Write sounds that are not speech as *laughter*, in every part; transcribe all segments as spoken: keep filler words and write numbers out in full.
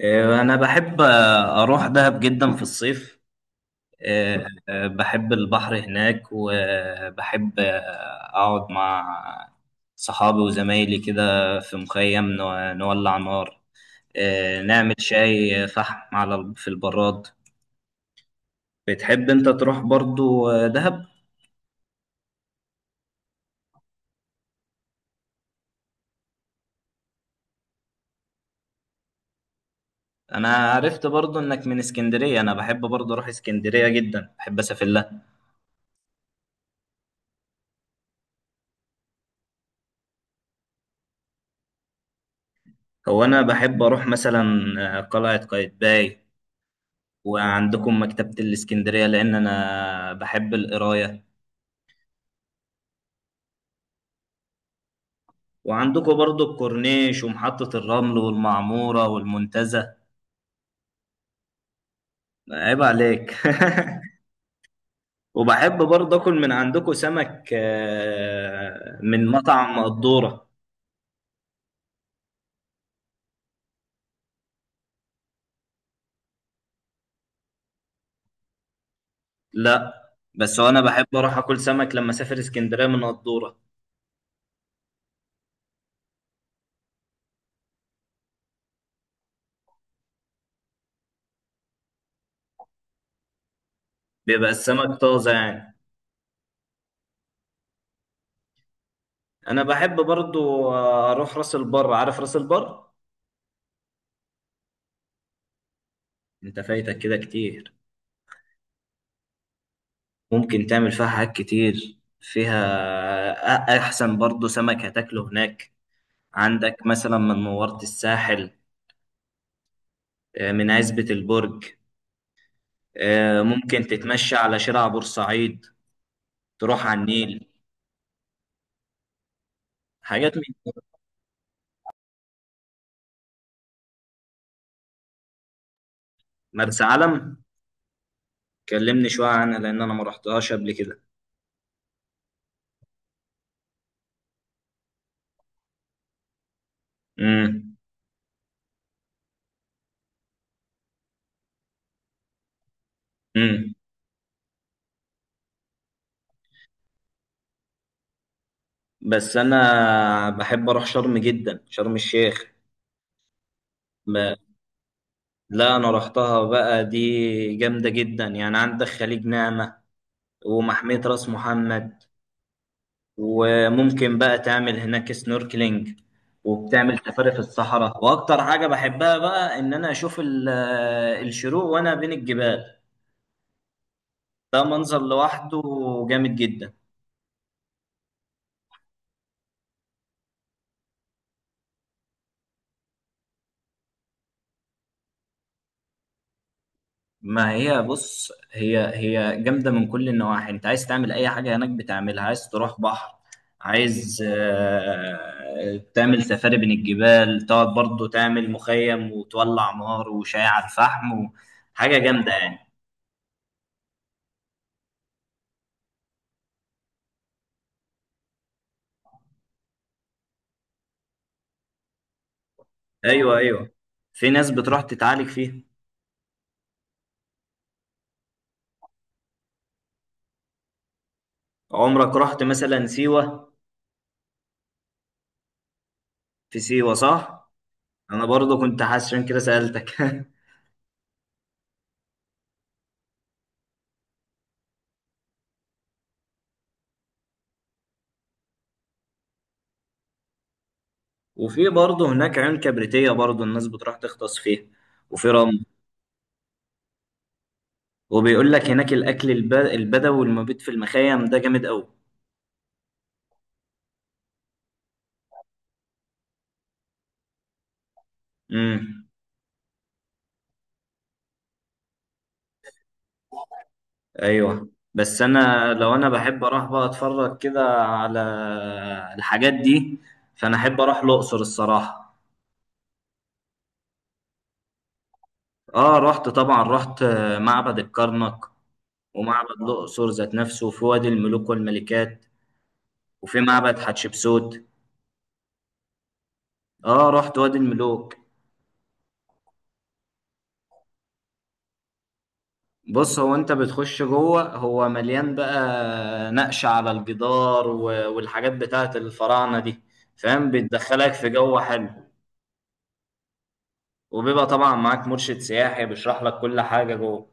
آه، أنا بحب آه، أروح دهب جدا في الصيف. أه، أه، بحب البحر هناك وبحب آه، أقعد مع صحابي وزمايلي كده في مخيم نو- نولع نار. أه، نعمل شاي آه، فحم على ال- في البراد. بتحب أنت تروح برضو آه، دهب؟ أنا عرفت برضو إنك من اسكندرية، أنا بحب برضو أروح اسكندرية جدا، بحب أسافر لها. هو أنا بحب أروح مثلا آه، قلعة قايتباي، وعندكم مكتبة الإسكندرية لأن أنا بحب القراية. وعندكم برضو الكورنيش ومحطة الرمل والمعمورة والمنتزه. عيب عليك. *laughs* وبحب برضو أكل من عندكم سمك آه، من مطعم قدورة. لا، بس هو أنا بحب أروح أكل سمك لما أسافر إسكندرية من قدورة. بيبقى السمك طازة يعني. أنا بحب برضو آه، أروح راس البر، عارف راس البر؟ أنت فايتك كده كتير. ممكن تعمل فيها حاجات كتير فيها. أ- أحسن برضو سمك هتاكله هناك. عندك مثلا من منورة الساحل، آه، من عزبة البرج، آه، ممكن تتمشى على شارع بورسعيد، تروح على النيل، حاجات من كده. مرسى علم، كلمني شوية عنها لأن أنا ما رحتهاش قبل كده. امم. امم. بس أنا بحب أروح شرم جدا، شرم الشيخ. ب- لا، أنا رحتها بقى، دي جامدة جدا يعني. عندك خليج نعمة ومحمية راس محمد، وممكن بقى تعمل هناك سنوركلينج، وبتعمل سفاري في الصحراء. واكتر حاجة بحبها بقى ان انا اشوف ال- آه، الشروق وانا بين الجبال. ده منظر لوحده جامد جدا. ما هي بص هي هي جامدة من كل النواحي. انت عايز تعمل اي حاجة هناك بتعملها، عايز تروح بحر، عايز آه، تعمل سفاري بين الجبال، تقعد برضه تعمل مخيم وتولع نار وشاي على الفحم و- حاجة جامدة يعني. ايوه، ايوه، في ناس بتروح تتعالج فيها. عمرك رحت مثلا سيوة؟ في سيوة، صح. انا برضو كنت حاسس عشان كده سألتك. *laughs* وفي برضو هناك عيون كبريتية، برضو الناس بتروح تغطس فيها وفي رمل. وبيقول لك هناك الاكل الب- البدوي والمبيت في المخيم ده جامد قوي. امم. ايوه، بس انا لو انا بحب اروح بقى اتفرج كده على الحاجات دي، فانا احب اروح الاقصر الصراحة. اه، رحت طبعا، رحت معبد الكرنك ومعبد الأقصر ذات نفسه، وفي وادي الملوك والملكات وفي معبد حتشبسوت. اه، رحت وادي الملوك. بص، هو انت بتخش جوه، هو مليان بقى نقش على الجدار و- والحاجات بتاعت الفراعنة دي، فاهم، بتدخلك في جو حلو. وبيبقى طبعا معاك مرشد سياحي بيشرح لك كل حاجة جوه.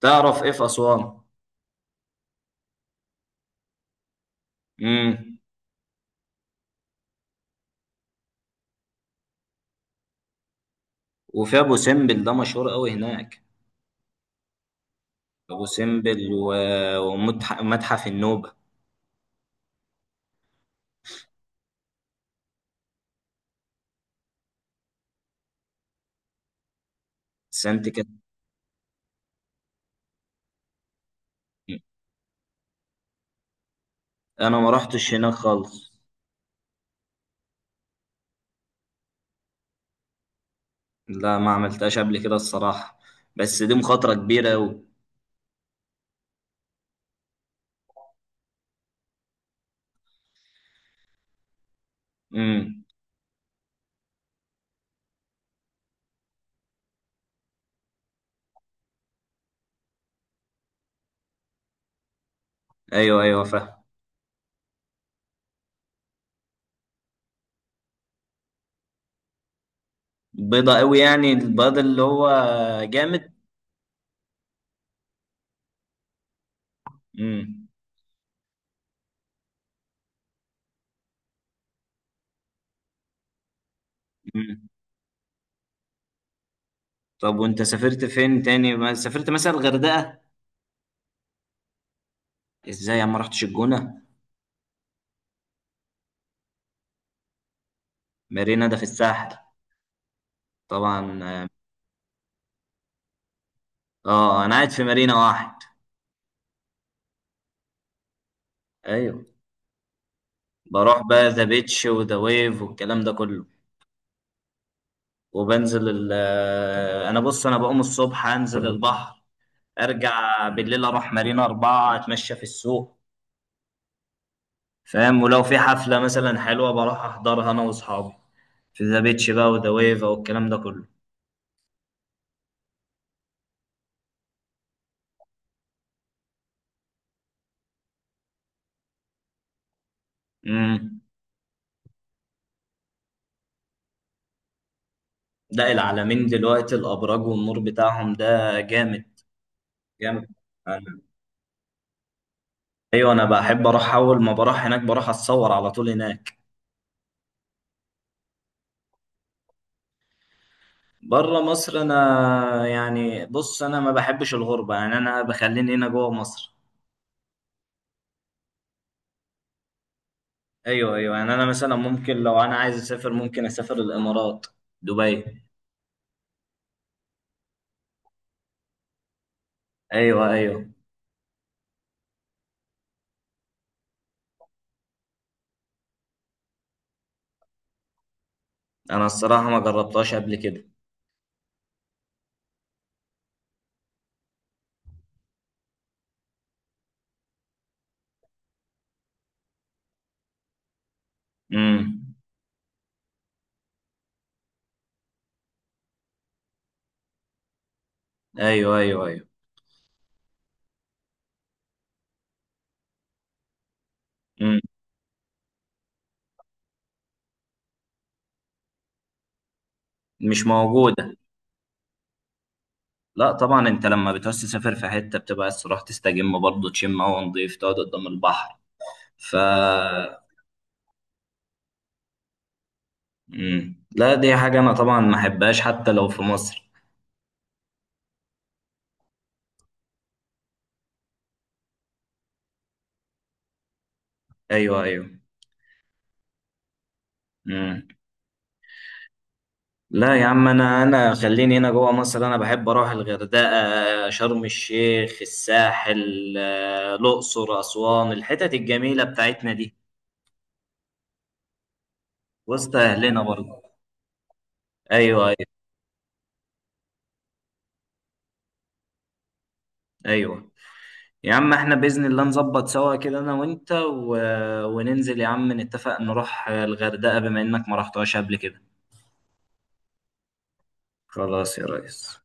تعرف ايه في أسوان؟ امم. وفي أبو سمبل ده مشهور قوي هناك. أبو سمبل و- ومتح- ومتحف النوبة. سانت كاترين، انا ما رحتش هناك خالص. لا، ما عملتهاش قبل كده الصراحة. بس دي مخاطرة كبيرة أوي. امم. ايوه، ايوه، فاهم. بيضة أوي يعني، البيض اللي هو جامد. امم. امم. طب وانت سافرت فين تاني؟ ما سافرت مثلا الغردقة؟ ازاي، انا ما رحتش الجونة. مارينا ده في الساحل، طبعا اه. آه، انا قاعد في مارينا واحد. ايوه، بروح بقى ذا بيتش وذا ويف والكلام ده كله، وبنزل ال آه، انا بص، انا بقوم الصبح انزل البحر، ارجع بالليل اروح مارينا اربعة، اتمشى في السوق، فاهم. ولو في حفلة مثلا حلوة بروح احضرها انا واصحابي في ذا بيتش بقى وذا ويفا والكلام ده كله. امم. ده العالمين دلوقتي الابراج والنور بتاعهم ده جامد. جامد. أنا. ايوه، انا بحب اروح، اول ما بروح هناك بروح اتصور على طول هناك. بره مصر، انا يعني بص، انا ما بحبش الغربة يعني، انا بخليني هنا جوه مصر. ايوه، ايوه، يعني انا مثلا ممكن لو انا عايز اسافر، ممكن اسافر الامارات، دبي. ايوه، ايوه. انا الصراحه ما جربتهاش قبل كده. امم. ايوه، ايوه، ايوه. امم. مش موجوده. لا طبعا، انت لما بتعوز تسافر في حته بتبقى عايز تروح تستجم برضه، تشم هوا نضيف، تقعد قدام البحر، ف امم، لا دي حاجه انا طبعا ما احبهاش حتى لو في مصر. ايوه، ايوه. امم. لا يا عم، انا انا خليني هنا جوه مصر. انا بحب اروح الغردقه، شرم الشيخ، الساحل، آه، الاقصر، اسوان، الحتت الجميله بتاعتنا دي وسط اهلنا برضه. ايوه، ايوه، ايوه يا عم. احنا باذن الله نظبط سوا كده انا وانت و... وننزل يا عم، نتفق نروح الغردقه بما انك ما رحتهاش قبل كده. خلاص يا ريس.